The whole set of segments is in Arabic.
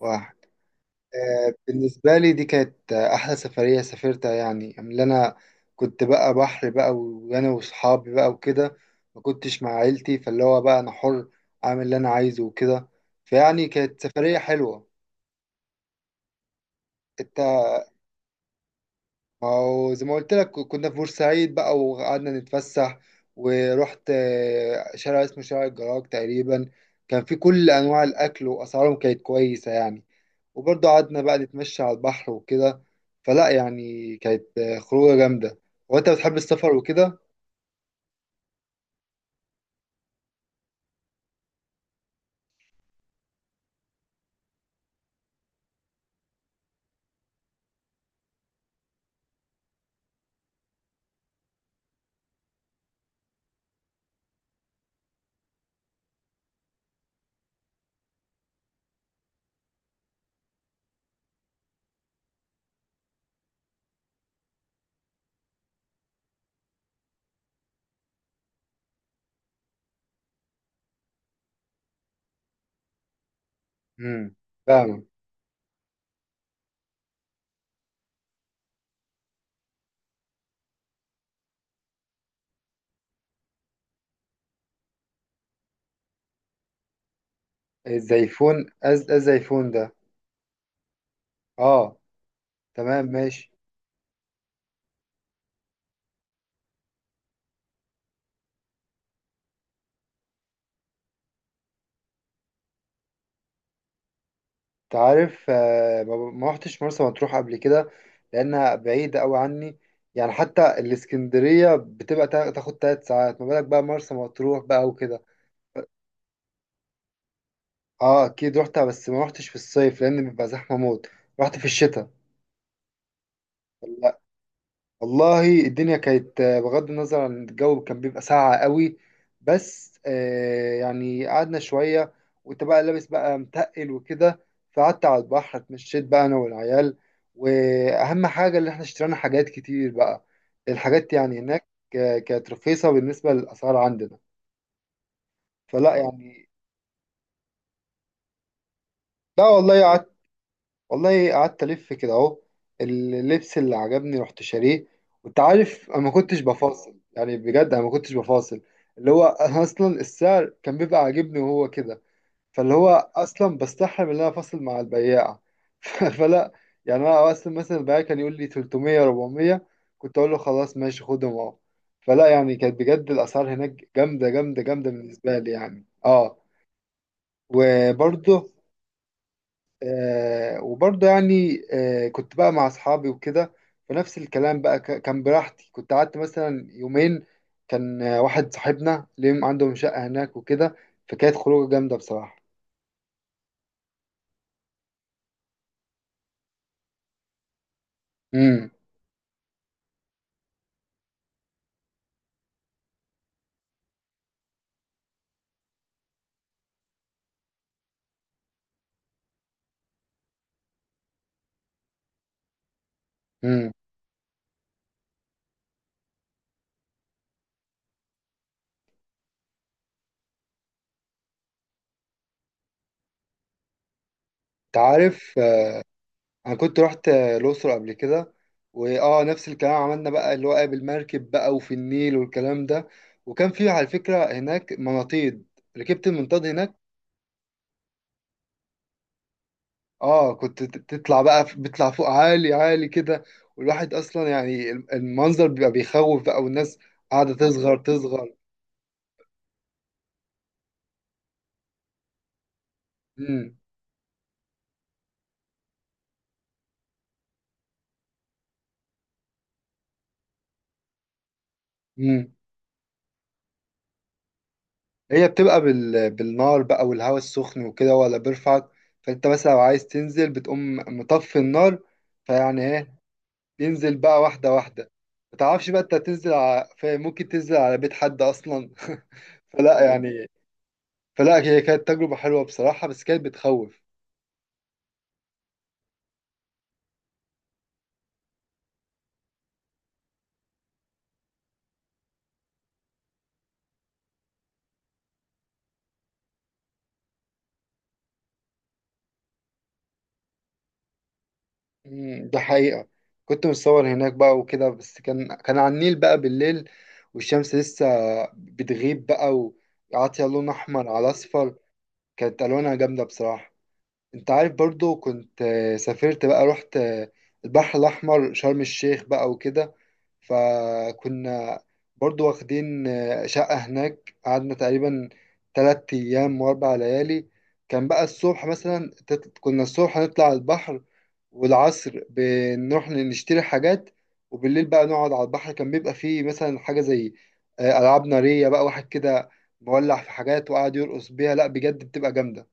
واحد. بالنسبة لي دي كانت أحلى سفرية سافرتها يعني اللي أنا كنت بقى بحر بقى وأنا وصحابي بقى وكده. ما كنتش مع عيلتي، فاللي هو بقى أنا حر أعمل اللي أنا عايزه وكده، فيعني كانت سفرية حلوة. أنت. ما هو زي ما قلت لك كنا في بورسعيد بقى وقعدنا نتفسح. ورحت شارع اسمه شارع الجراج تقريبا. كان في كل أنواع الأكل وأسعارهم كانت كويسة يعني. وبرضه قعدنا بقى نتمشى على البحر وكده. فلا يعني كانت خروجة جامدة. هو انت بتحب السفر وكده؟ امم. فاهم. الزيفون از الزيفون ده؟ اه. تمام ماشي. انت عارف، ما روحتش مرسى مطروح قبل كده. لانها بعيدة قوي عني. يعني حتى الاسكندرية بتبقى تاخد 3 ساعات، ما بالك بقى مرسى مطروح بقى وكده. اه، اكيد روحتها، بس ما روحتش في الصيف لان بيبقى زحمة موت. رحت في الشتاء. والله الدنيا كانت، بغض النظر عن الجو كان بيبقى ساقعة قوي. بس يعني قعدنا شوية. وانت بقى لابس بقى متقل وكده. فقعدت على البحر، اتمشيت بقى انا والعيال. واهم حاجة اللي احنا اشترينا حاجات كتير بقى. الحاجات يعني هناك. كانت رخيصة بالنسبة للأسعار عندنا. فلا يعني. لا والله قعدت. والله قعدت ألف كده أهو. اللبس اللي عجبني رحت شاريه. وأنت عارف أنا ما كنتش بفاصل، يعني بجد أنا ما كنتش بفاصل. اللي هو أنا أصلا السعر كان بيبقى عاجبني وهو كده. فاللي هو. أصلا بستحرم إن أنا أفاصل مع البياع. فلا يعني. أنا أصلا مثلا البياع كان يقول لي 300 400. كنت أقول له، خلاص ماشي خدهم أهو. فلا يعني كانت بجد الأسعار هناك جامدة جامدة جامدة بالنسبة لي يعني أه. وبرضه. وبرضه يعني كنت بقى مع أصحابي وكده. فنفس الكلام بقى كان براحتي، كنت قعدت مثلا يومين. كان واحد صاحبنا ليهم عندهم شقة هناك وكده. فكانت خروجة جامدة بصراحة. امم. امم. انت عارف، انا كنت رحت الأقصر قبل كده. واه نفس الكلام عملنا بقى اللي هو بالمركب بقى وفي النيل والكلام ده. وكان في على فكرة هناك مناطيد. ركبت المنطاد هناك. اه، كنت تطلع بقى بتطلع فوق عالي عالي كده. والواحد اصلا يعني المنظر بيبقى بيخوف بقى، والناس قاعده تصغر تصغر. امم. امم. هي بتبقى بالنار بقى والهواء السخن وكده هو اللي بيرفعك. فانت مثلا لو عايز تنزل بتقوم مطفي النار. فيعني ايه. تنزل بقى واحده واحده. ما تعرفش بقى انت ممكن تنزل على بيت حد اصلا. فلا يعني. فلا هي كانت تجربه حلوه بصراحه، بس كانت بتخوف. ده حقيقة. كنت متصور هناك بقى وكده، بس كان على النيل بقى بالليل، والشمس لسه بتغيب بقى، وعاطية لون أحمر على أصفر. كانت ألوانها جامدة بصراحة. أنت عارف، برضو كنت سافرت بقى رحت البحر الأحمر، شرم الشيخ بقى وكده. فكنا برضو واخدين شقة هناك، قعدنا تقريبا 3 أيام وأربع ليالي. كان بقى الصبح مثلا كنا الصبح هنطلع على البحر. والعصر بنروح نشتري حاجات. وبالليل بقى نقعد على البحر، كان بيبقى فيه مثلا حاجة زي ألعاب نارية، بقى واحد كده مولع في حاجات وقاعد يرقص بيها، لا بجد بتبقى جامدة.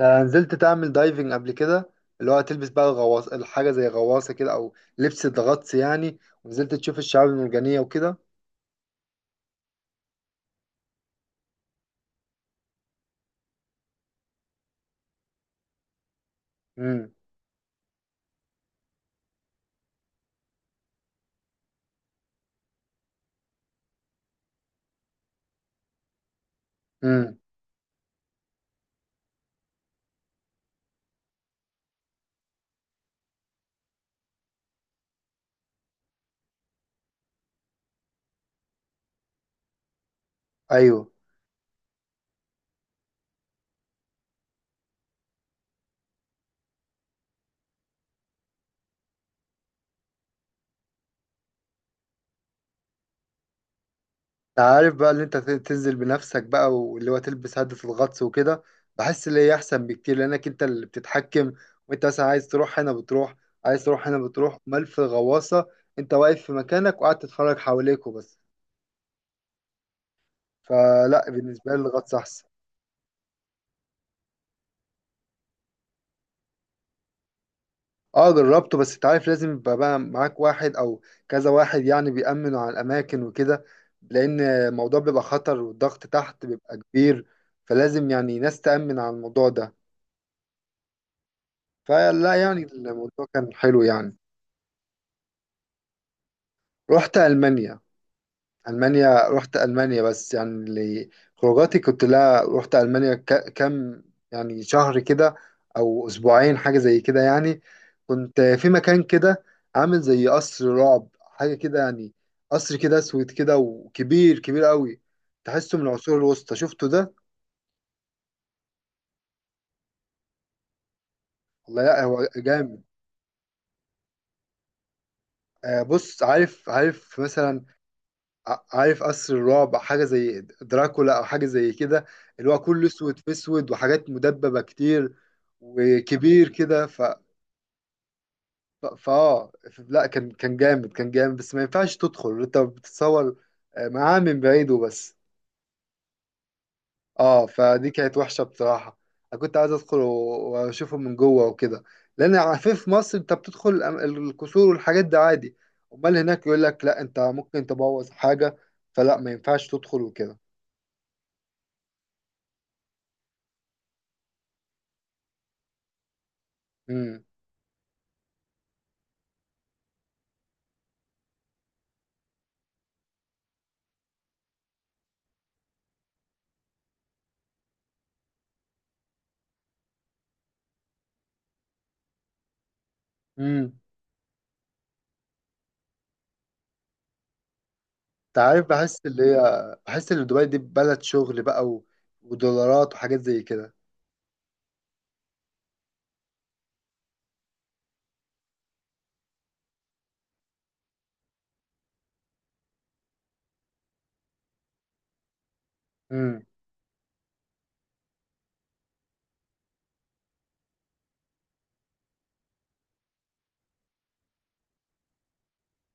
أنا نزلت تعمل دايفنج قبل كده. اللي هو تلبس بقى الغواص، الحاجة زي غواصة كده، أو لبس الغطس يعني. ونزلت تشوف الشعاب المرجانية وكده. امم. امم. أيوه. أنت عارف بقى، اللي أنت تنزل بنفسك بقى، واللي هو تلبس هدة الغطس وكده. بحس اللي هي أحسن بكتير لأنك أنت اللي بتتحكم. وأنت مثلا عايز تروح هنا بتروح، عايز تروح هنا بتروح. أمال في الغواصة أنت واقف في مكانك وقاعد تتفرج حواليك وبس. فلا بالنسبة لي الغطس أحسن. اه جربته، بس انت عارف لازم يبقى بقى معاك واحد او كذا واحد، يعني بيأمنوا على الاماكن وكده. لان الموضوع بيبقى خطر والضغط تحت بيبقى كبير. فلازم يعني ناس تأمن على الموضوع ده. فلا يعني الموضوع كان حلو يعني. رحت ألمانيا. ألمانيا رحت ألمانيا، بس يعني اللي خروجاتي كنت، لا رحت ألمانيا كام يعني شهر كده، أو أسبوعين، حاجة زي كده يعني. كنت في مكان كده، عامل زي قصر رعب، حاجة كده يعني. قصر كده أسود كده، وكبير كبير قوي. تحسه من العصور الوسطى، شفته ده؟ والله لا، هو جامد. بص، عارف عارف مثلا عارف قصر الرعب حاجة زي دراكولا، أو حاجة زي كده. اللي هو كله أسود في أسود، وحاجات مدببة كتير، وكبير كده. لا كان جامد كان جامد، بس ما ينفعش تدخل، أنت بتتصور معاه من بعيد وبس. اه، فدي كانت وحشة بصراحة. أنا كنت عايز أدخل وأشوفه من جوه وكده. لأن عارفين في مصر أنت بتدخل القصور والحاجات دي عادي. أمال هناك يقول لك لا، أنت ممكن تبوظ حاجة. فلا ما ينفعش تدخل وكده. مم. امم. انت عارف، بحس اللي هي بحس ان دبي دي بلد شغل بقى ودولارات وحاجات زي كده. امم.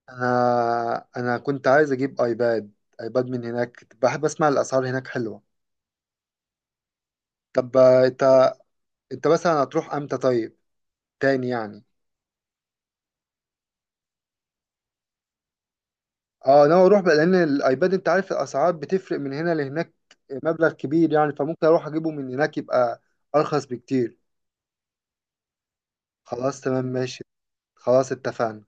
انا كنت عايز اجيب ايباد، ايباد من هناك، كنت بحب اسمع الاسعار هناك حلوه. طب، انت انت مثلا هتروح امتى طيب؟ تاني يعني. اه انا اروح بقى، لان الايباد انت عارف الاسعار بتفرق من هنا لهناك، مبلغ كبير يعني، فممكن اروح اجيبه من هناك يبقى ارخص بكتير. خلاص تمام ماشي. خلاص اتفقنا.